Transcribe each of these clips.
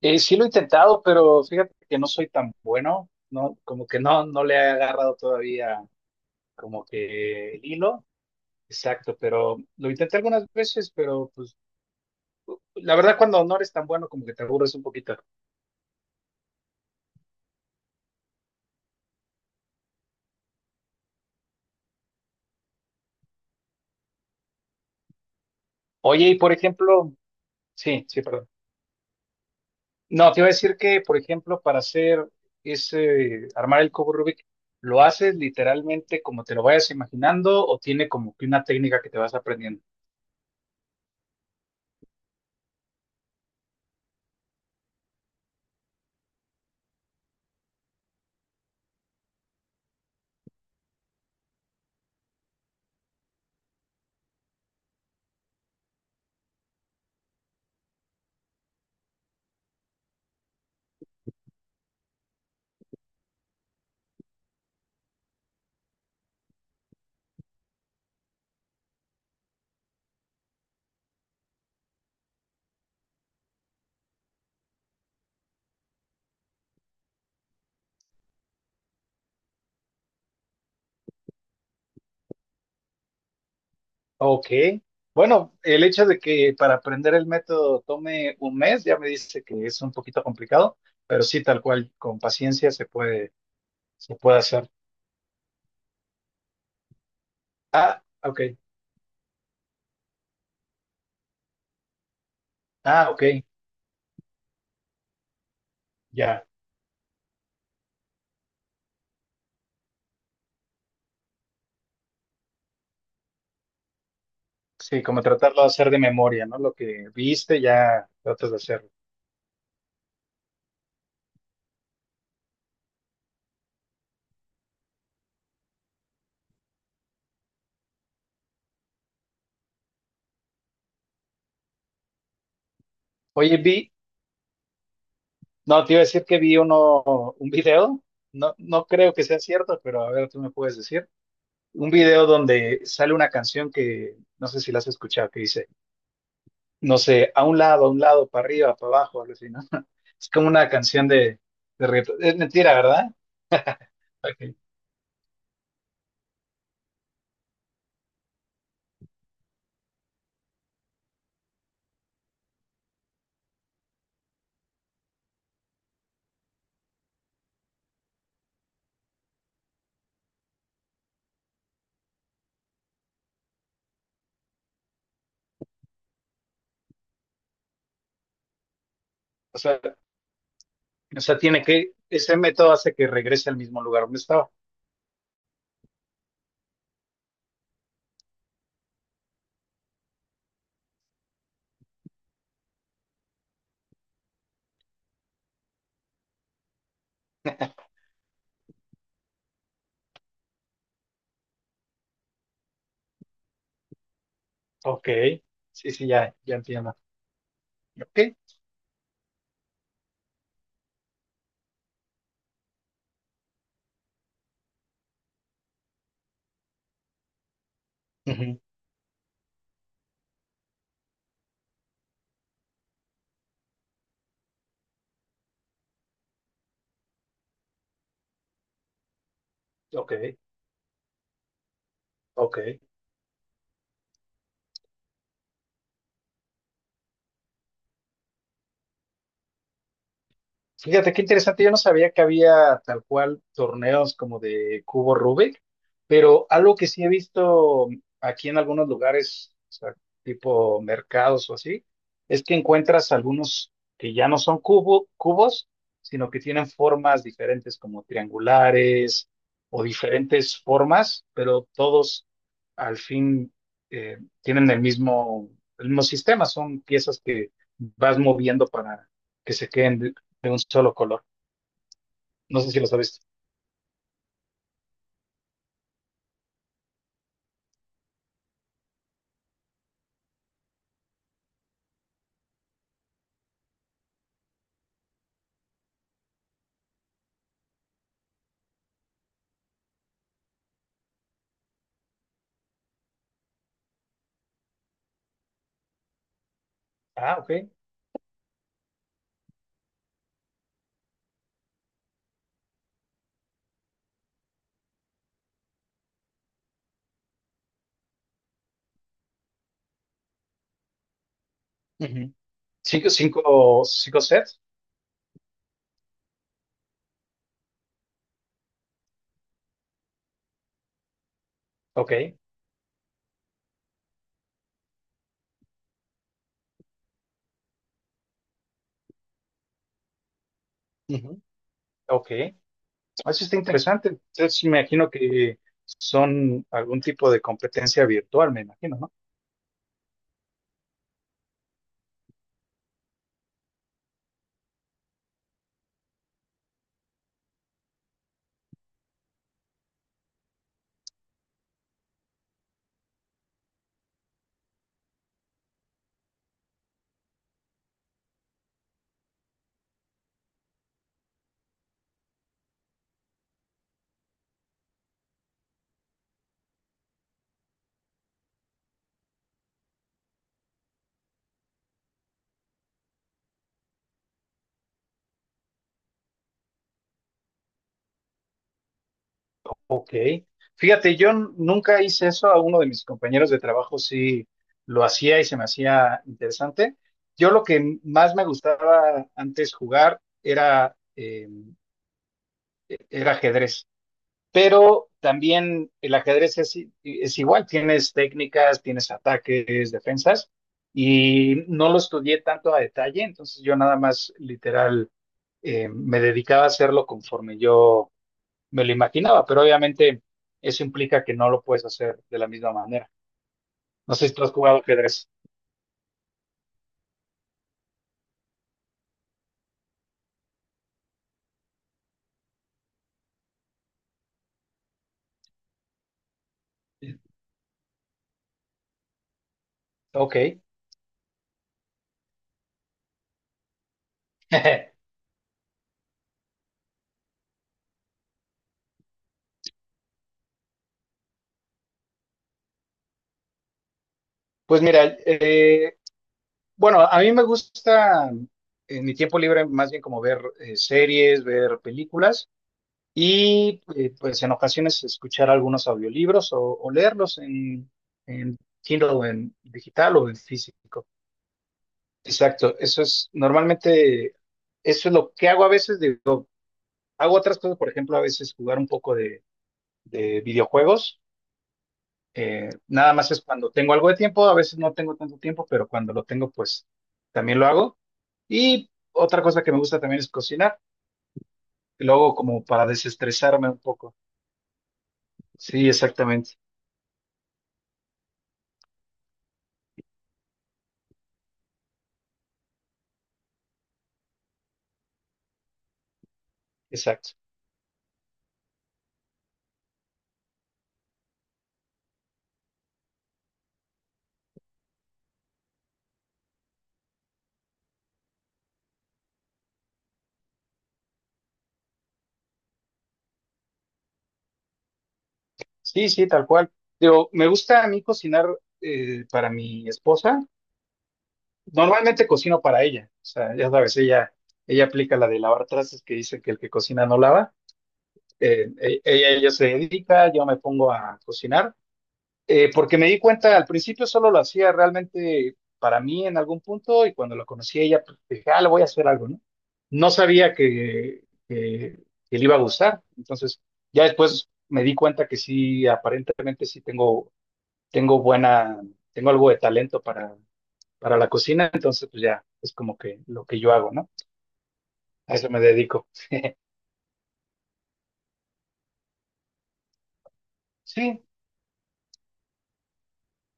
Sí lo he intentado, pero fíjate que no soy tan bueno, no, como que no, le he agarrado todavía como que el hilo, exacto, pero lo intenté algunas veces, pero pues la verdad cuando no eres tan bueno como que te aburres un poquito. Oye, y por ejemplo, sí, sí, perdón. No, te iba a decir que, por ejemplo, para hacer ese, armar el cubo Rubik, ¿lo haces literalmente como te lo vayas imaginando o tiene como que una técnica que te vas aprendiendo? Ok. Bueno, el hecho de que para aprender el método tome un mes ya me dice que es un poquito complicado, pero sí, tal cual, con paciencia se puede hacer. Ok. Ah, ok. Ya. Sí, como tratarlo de hacer de memoria, ¿no? Lo que viste, ya tratas de hacerlo. Oye, no, te iba a decir que vi un video, no, no creo que sea cierto, pero a ver, tú me puedes decir. Un video donde sale una canción que no sé si la has escuchado, que dice. No sé, a un lado, para arriba, para abajo, algo así, ¿no? Es como una canción de reggaetón. Es mentira, ¿verdad? Ok. O sea, o sea, tiene que, ese método hace que regrese al mismo lugar donde estaba. Ok, sí, sí, ya, ya entiendo. Ok, ujú. Ok, ok. Fíjate qué interesante, yo no sabía que había tal cual torneos como de cubo Rubik, pero algo que sí he visto aquí en algunos lugares, o sea, tipo mercados o así, es que encuentras algunos que ya no son cubos, sino que tienen formas diferentes como triangulares o diferentes formas, pero todos al fin eh, tienen el mismo sistema, son piezas que vas moviendo para que se queden de un solo color. No sé si los has visto. Ah, ok. Ujú. Cinco, cinco, cinco sets. Ok, ujú. Ok. Eso está interesante. Entonces, me imagino que son algún tipo de competencia virtual, me imagino, ¿no? Ok. Fíjate, yo nunca hice eso, a uno de mis compañeros de trabajo sí lo hacía y se me hacía interesante. Yo lo que más me gustaba antes jugar era era ajedrez. Pero también el ajedrez es igual, tienes técnicas, tienes ataques, defensas, y no lo estudié tanto a detalle, entonces yo nada más literal me dedicaba a hacerlo conforme yo me lo imaginaba, pero obviamente eso implica que no lo puedes hacer de la misma manera. No sé si tú has jugado ajedrez. Ok. Pues mira, bueno, a mí me gusta en mi tiempo libre más bien como ver series, ver películas. Y pues en ocasiones escuchar algunos audiolibros o leerlos en Kindle, en digital o en físico. Exacto, eso es lo que hago a veces, digo, hago otras cosas, por ejemplo, a veces jugar un poco de videojuegos, nada más es cuando tengo algo de tiempo, a veces no tengo tanto tiempo, pero cuando lo tengo, pues también lo hago. Y otra cosa que me gusta también es cocinar, y lo hago como para desestresarme un poco. Sí, exactamente, exacto. Sí, sí, tal cual. Digo, me gusta a mí cocinar para mi esposa. Normalmente cocino para ella. O sea, ya sabes, ella aplica la de lavar trastes que dice que el que cocina no lava. Ella se dedica, yo me pongo a cocinar. Porque me di cuenta, al principio solo lo hacía realmente para mí en algún punto y cuando la conocí a ella, pues, dije, ah, le voy a hacer algo, ¿no? No sabía que, que le iba a gustar. Entonces, ya después me di cuenta que sí, aparentemente sí tengo tengo algo de talento para la cocina, entonces pues ya es como que lo que yo hago, ¿no? A eso me dedico. Sí,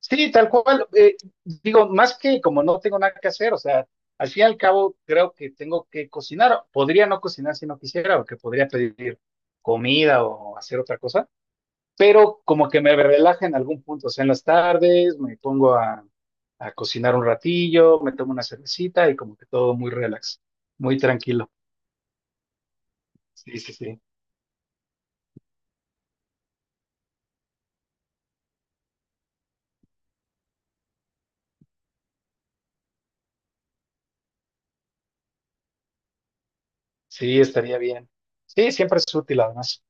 sí, tal cual. Eh, digo, más que como no tengo nada que hacer, o sea, al fin y al cabo creo que tengo que cocinar. Podría no cocinar si no quisiera, o que podría pedir comida o hacer otra cosa, pero como que me relaja en algún punto, o sea, en las tardes me pongo a cocinar un ratillo, me tomo una cervecita y como que todo muy relax, muy tranquilo. Sí, sí, sí. Sí, estaría bien. Sí, siempre es útil además.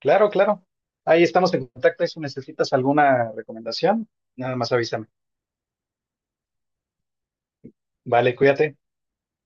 Claro, claro. Ahí estamos en contacto y si necesitas alguna recomendación, nada más avísame. Vale, cuídate.